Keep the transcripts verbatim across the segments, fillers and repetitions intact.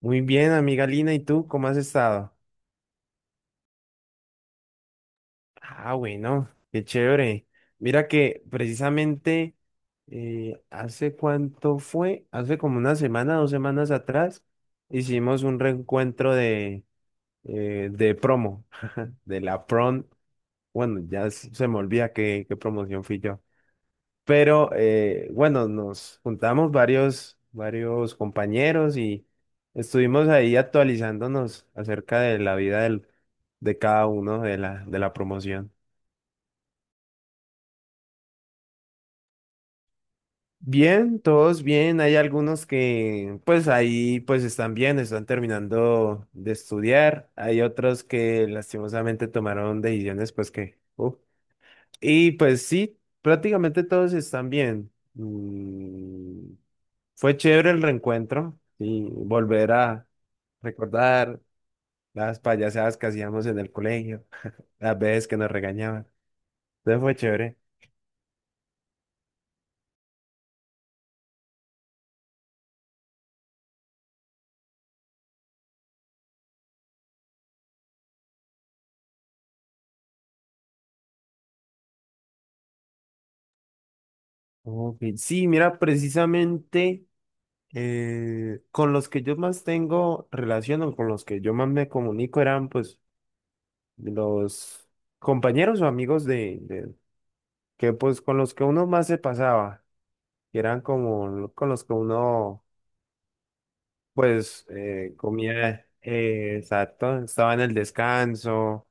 Muy bien, amiga Lina, ¿y tú cómo has estado? Ah, bueno, qué chévere. Mira que precisamente eh, hace cuánto fue, hace como una semana, dos semanas atrás, hicimos un reencuentro de, eh, de, promo, de la prom. Bueno, ya s- se me olvida qué, qué promoción fui yo. Pero eh, bueno, nos juntamos varios, varios compañeros y estuvimos ahí actualizándonos acerca de la vida del, de cada uno de la, de la promoción. Bien, todos bien. Hay algunos que pues ahí pues están bien, están terminando de estudiar. Hay otros que lastimosamente tomaron decisiones pues que uf. Y pues sí, prácticamente todos están bien. Mm, Fue chévere el reencuentro y volver a recordar las payasadas que hacíamos en el colegio, las veces que nos regañaban. Entonces fue chévere. Ok, sí, mira, precisamente eh, con los que yo más tengo relación o con los que yo más me comunico eran pues los compañeros o amigos de, de- que pues con los que uno más se pasaba, que eran como lo- con los que uno pues eh, comía, eh, exacto, estaba en el descanso,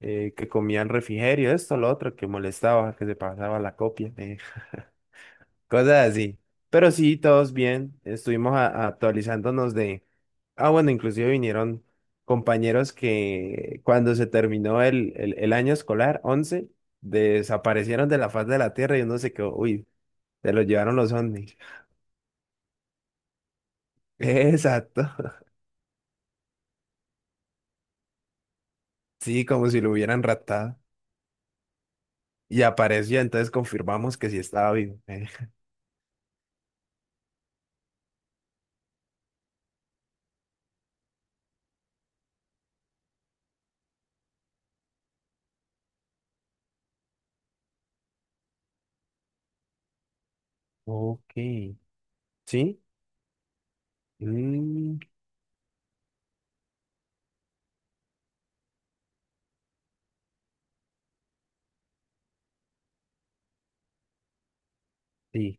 eh, que comía el refrigerio, esto, lo otro, que molestaba, que se pasaba la copia, eh, cosas así. Pero sí, todos bien, estuvimos a- actualizándonos de... Ah, bueno, inclusive vinieron compañeros que cuando se terminó el, el, el año escolar, once desaparecieron de la faz de la Tierra y uno se quedó, uy, se lo llevaron los ovnis. Exacto, sí, como si lo hubieran raptado. Y apareció, entonces confirmamos que sí estaba vivo. Eh, Ok. ¿Sí? Mm, sí.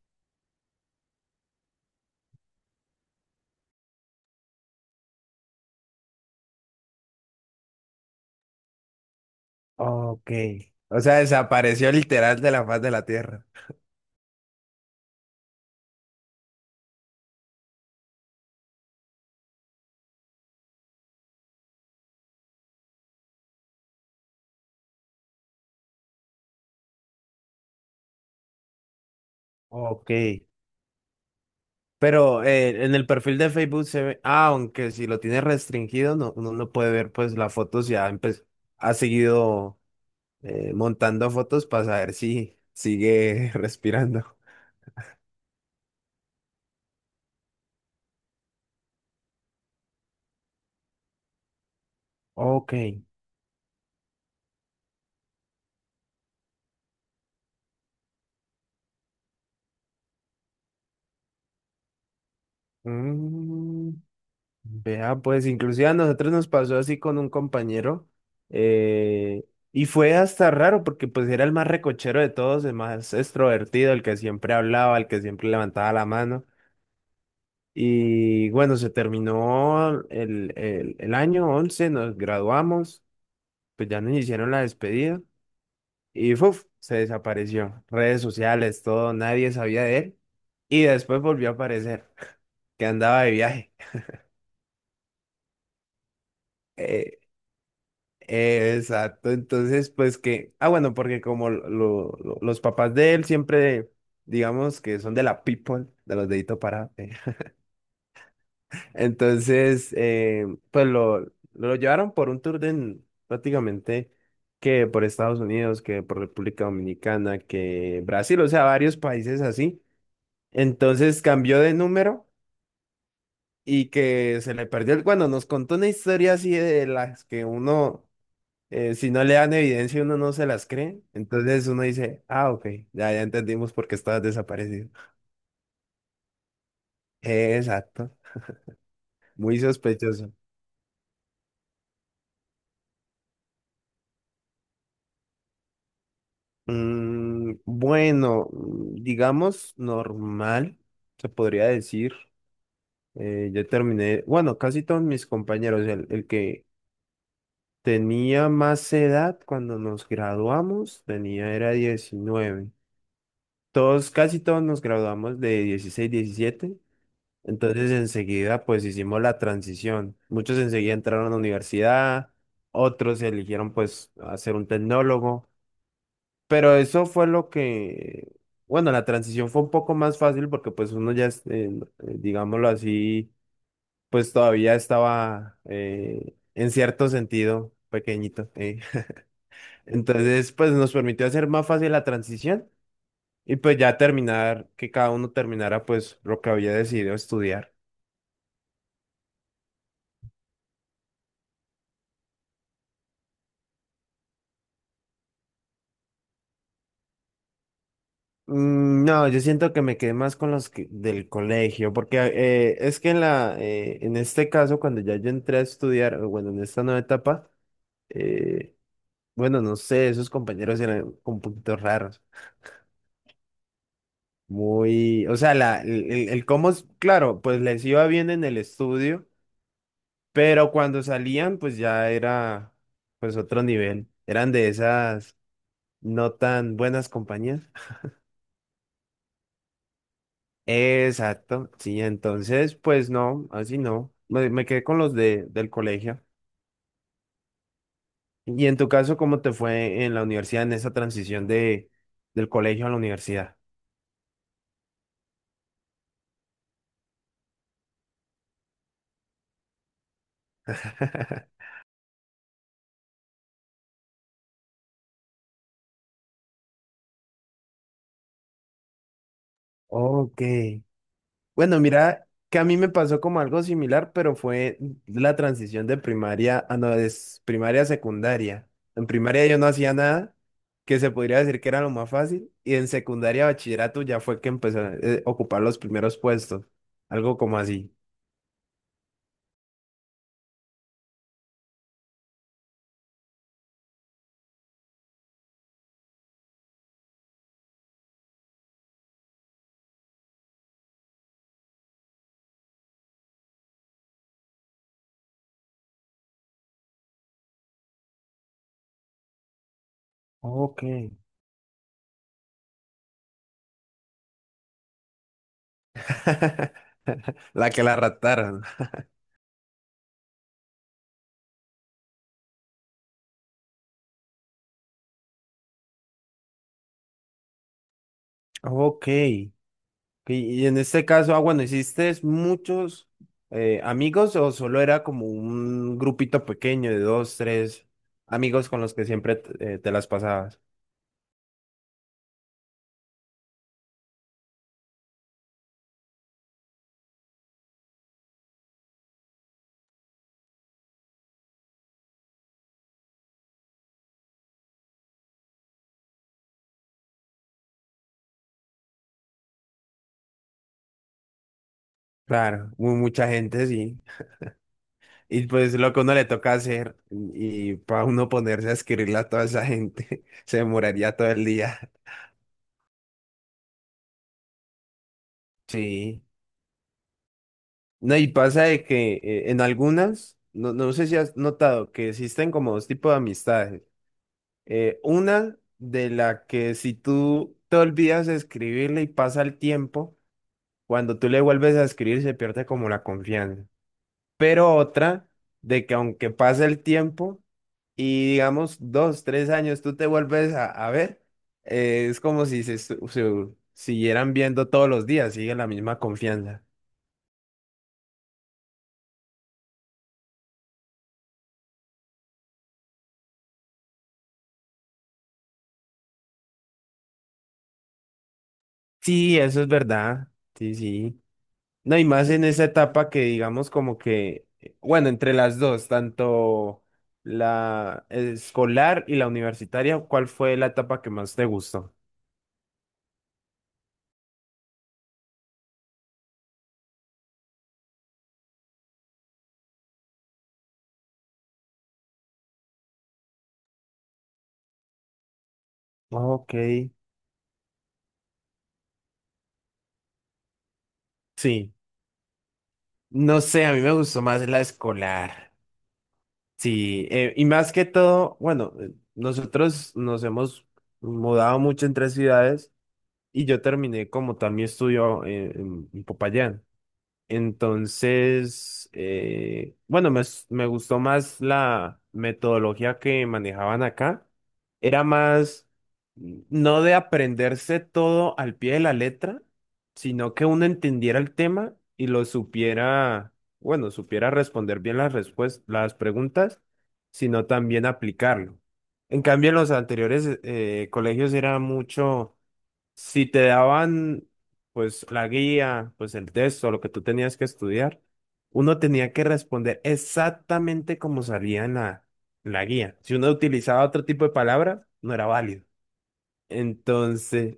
Ok. O sea, desapareció literal de la faz de la Tierra. Ok. Pero eh, en el perfil de Facebook se ve, ah, aunque si lo tiene restringido, no, uno no puede ver pues las fotos, ya empe- ha seguido eh, montando fotos para saber si sigue respirando. Ok. Mm, Vea, pues inclusive a nosotros nos pasó así con un compañero eh, y fue hasta raro porque pues era el más recochero de todos, el más extrovertido, el que siempre hablaba, el que siempre levantaba la mano y bueno, se terminó el, el, el año once nos graduamos, pues ya nos hicieron la despedida y ¡fuf! Se desapareció, redes sociales, todo, nadie sabía de él y después volvió a aparecer, que andaba de viaje. Eh, Eh, Exacto, entonces pues que, ah bueno, porque como lo- lo- lo- los papás de él siempre, digamos que son de la people, de los deditos para, entonces eh, pues lo, lo llevaron por un tour de en- prácticamente que por Estados Unidos, que por República Dominicana, que Brasil, o sea, varios países así, entonces cambió de número y que se le perdió el, cuando nos contó una historia así de las que uno... eh, si no le dan evidencia, uno no se las cree. Entonces uno dice, ah, ok, ya, ya entendimos por qué estabas desaparecido. Eh, exacto, muy sospechoso. Mm, bueno, mm, digamos normal, se podría decir. Eh, yo terminé, bueno, casi todos mis compañeros, el, el que tenía más edad cuando nos graduamos, tenía, era diecinueve. Todos, casi todos nos graduamos de dieciséis diecisiete. Entonces enseguida pues hicimos la transición. Muchos enseguida entraron a la universidad, otros eligieron pues hacer un tecnólogo, pero eso fue lo que, bueno, la transición fue un poco más fácil porque pues uno ya, es, eh, digámoslo así, pues todavía estaba eh, en cierto sentido pequeñito. eh. Entonces pues nos permitió hacer más fácil la transición y pues ya terminar, que cada uno terminara pues lo que había decidido estudiar. Mm, no, yo siento que me quedé más con los que- del colegio, porque eh, es que en la, eh, en este caso, cuando ya yo entré a estudiar, o bueno, en esta nueva etapa, eh, bueno, no sé, esos compañeros eran un poquito raros, muy, o sea, la, el, el- el cómo, es- claro, pues les iba bien en el estudio, pero cuando salían, pues ya era, pues otro nivel, eran de esas no tan buenas compañías. Exacto, sí, entonces, pues no, así no. Me, me quedé con los de, del colegio. Y en tu caso, ¿cómo te fue en la universidad, en esa transición de, del colegio a la universidad? Ok. Bueno, mira, que a mí me pasó como algo similar, pero fue la transición de primaria a no, de primaria a secundaria. En primaria yo no hacía nada, que se podría decir que era lo más fácil, y en secundaria, bachillerato ya fue que empecé a eh, ocupar los primeros puestos, algo como así. Ok, la que la raptaron. Ok. Y y en este caso, ah, bueno, ¿hiciste muchos eh, amigos o solo era como un grupito pequeño de dos, tres amigos con los que siempre te eh, te las pasabas? Claro, mu- mucha gente, sí. Y pues lo que uno le toca hacer y para uno ponerse a escribirle a toda esa gente, se demoraría todo el día. Sí. No, y pasa de que eh, en algunas, no, no sé si has notado que existen como dos tipos de amistades. Eh, una de la que si tú te olvidas de escribirle y pasa el tiempo, cuando tú le vuelves a escribir se pierde como la confianza. Pero otra de que aunque pase el tiempo y digamos dos, tres años tú te vuelves a, a ver, eh, es como si se, estu- se siguieran viendo todos los días, sigue la misma confianza. Sí, eso es verdad. Sí, sí. No, y más en esa etapa que digamos como que, eh, bueno, entre las dos, tanto la escolar y la universitaria, ¿cuál fue la etapa que más te gustó? Ok. Sí, no sé, a mí me gustó más la escolar. Sí, eh, y más que todo, bueno, eh, nosotros nos hemos mudado mucho entre ciudades y yo terminé como tal mi estudio eh, en, en Popayán. Entonces, eh, bueno, me, s- me gustó más la metodología que manejaban acá. Era más, mm, no de aprenderse todo al pie de la letra, sino que uno entendiera el tema y lo supiera, bueno, supiera responder bien las respues- las preguntas, sino también aplicarlo. En cambio, en los anteriores eh, colegios era mucho si te daban, pues, la guía, pues, el texto, lo que tú tenías que estudiar, uno tenía que responder exactamente como salía en la, en la guía. Si uno utilizaba otro tipo de palabras, no era válido. Entonces,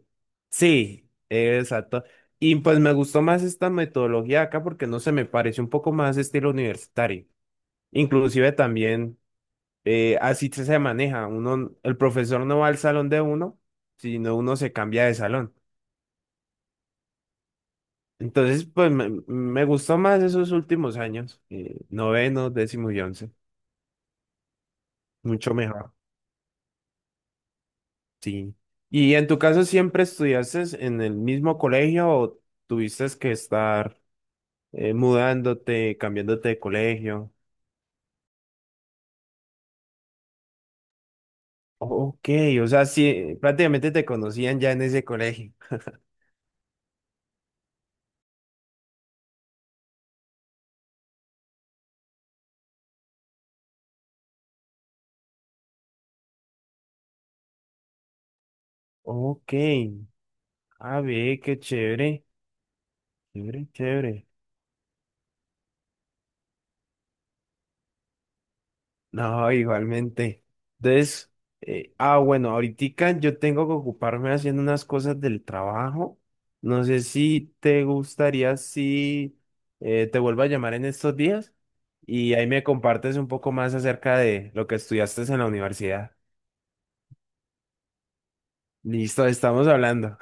sí, exacto. Y pues me gustó más esta metodología acá porque no se me parece un poco más estilo universitario. Inclusive también eh, así se se maneja. Uno, el profesor no va al salón de uno, sino uno se cambia de salón. Entonces, pues me, me gustó más esos últimos años, eh, noveno, décimo y once, mucho mejor, sí. ¿Y en tu caso siempre estudiaste en el mismo colegio o tuviste que estar eh, mudándote, cambiándote de colegio? Ok, o sea, sí, prácticamente te conocían ya en ese colegio. Ok, a ver, qué chévere, chévere, chévere. No, igualmente. Entonces, eh, ah, bueno, ahorita yo tengo que ocuparme haciendo unas cosas del trabajo. No sé si te gustaría si eh, te vuelvo a llamar en estos días y ahí me compartes un poco más acerca de lo que estudiaste en la universidad. Listo, estamos hablando.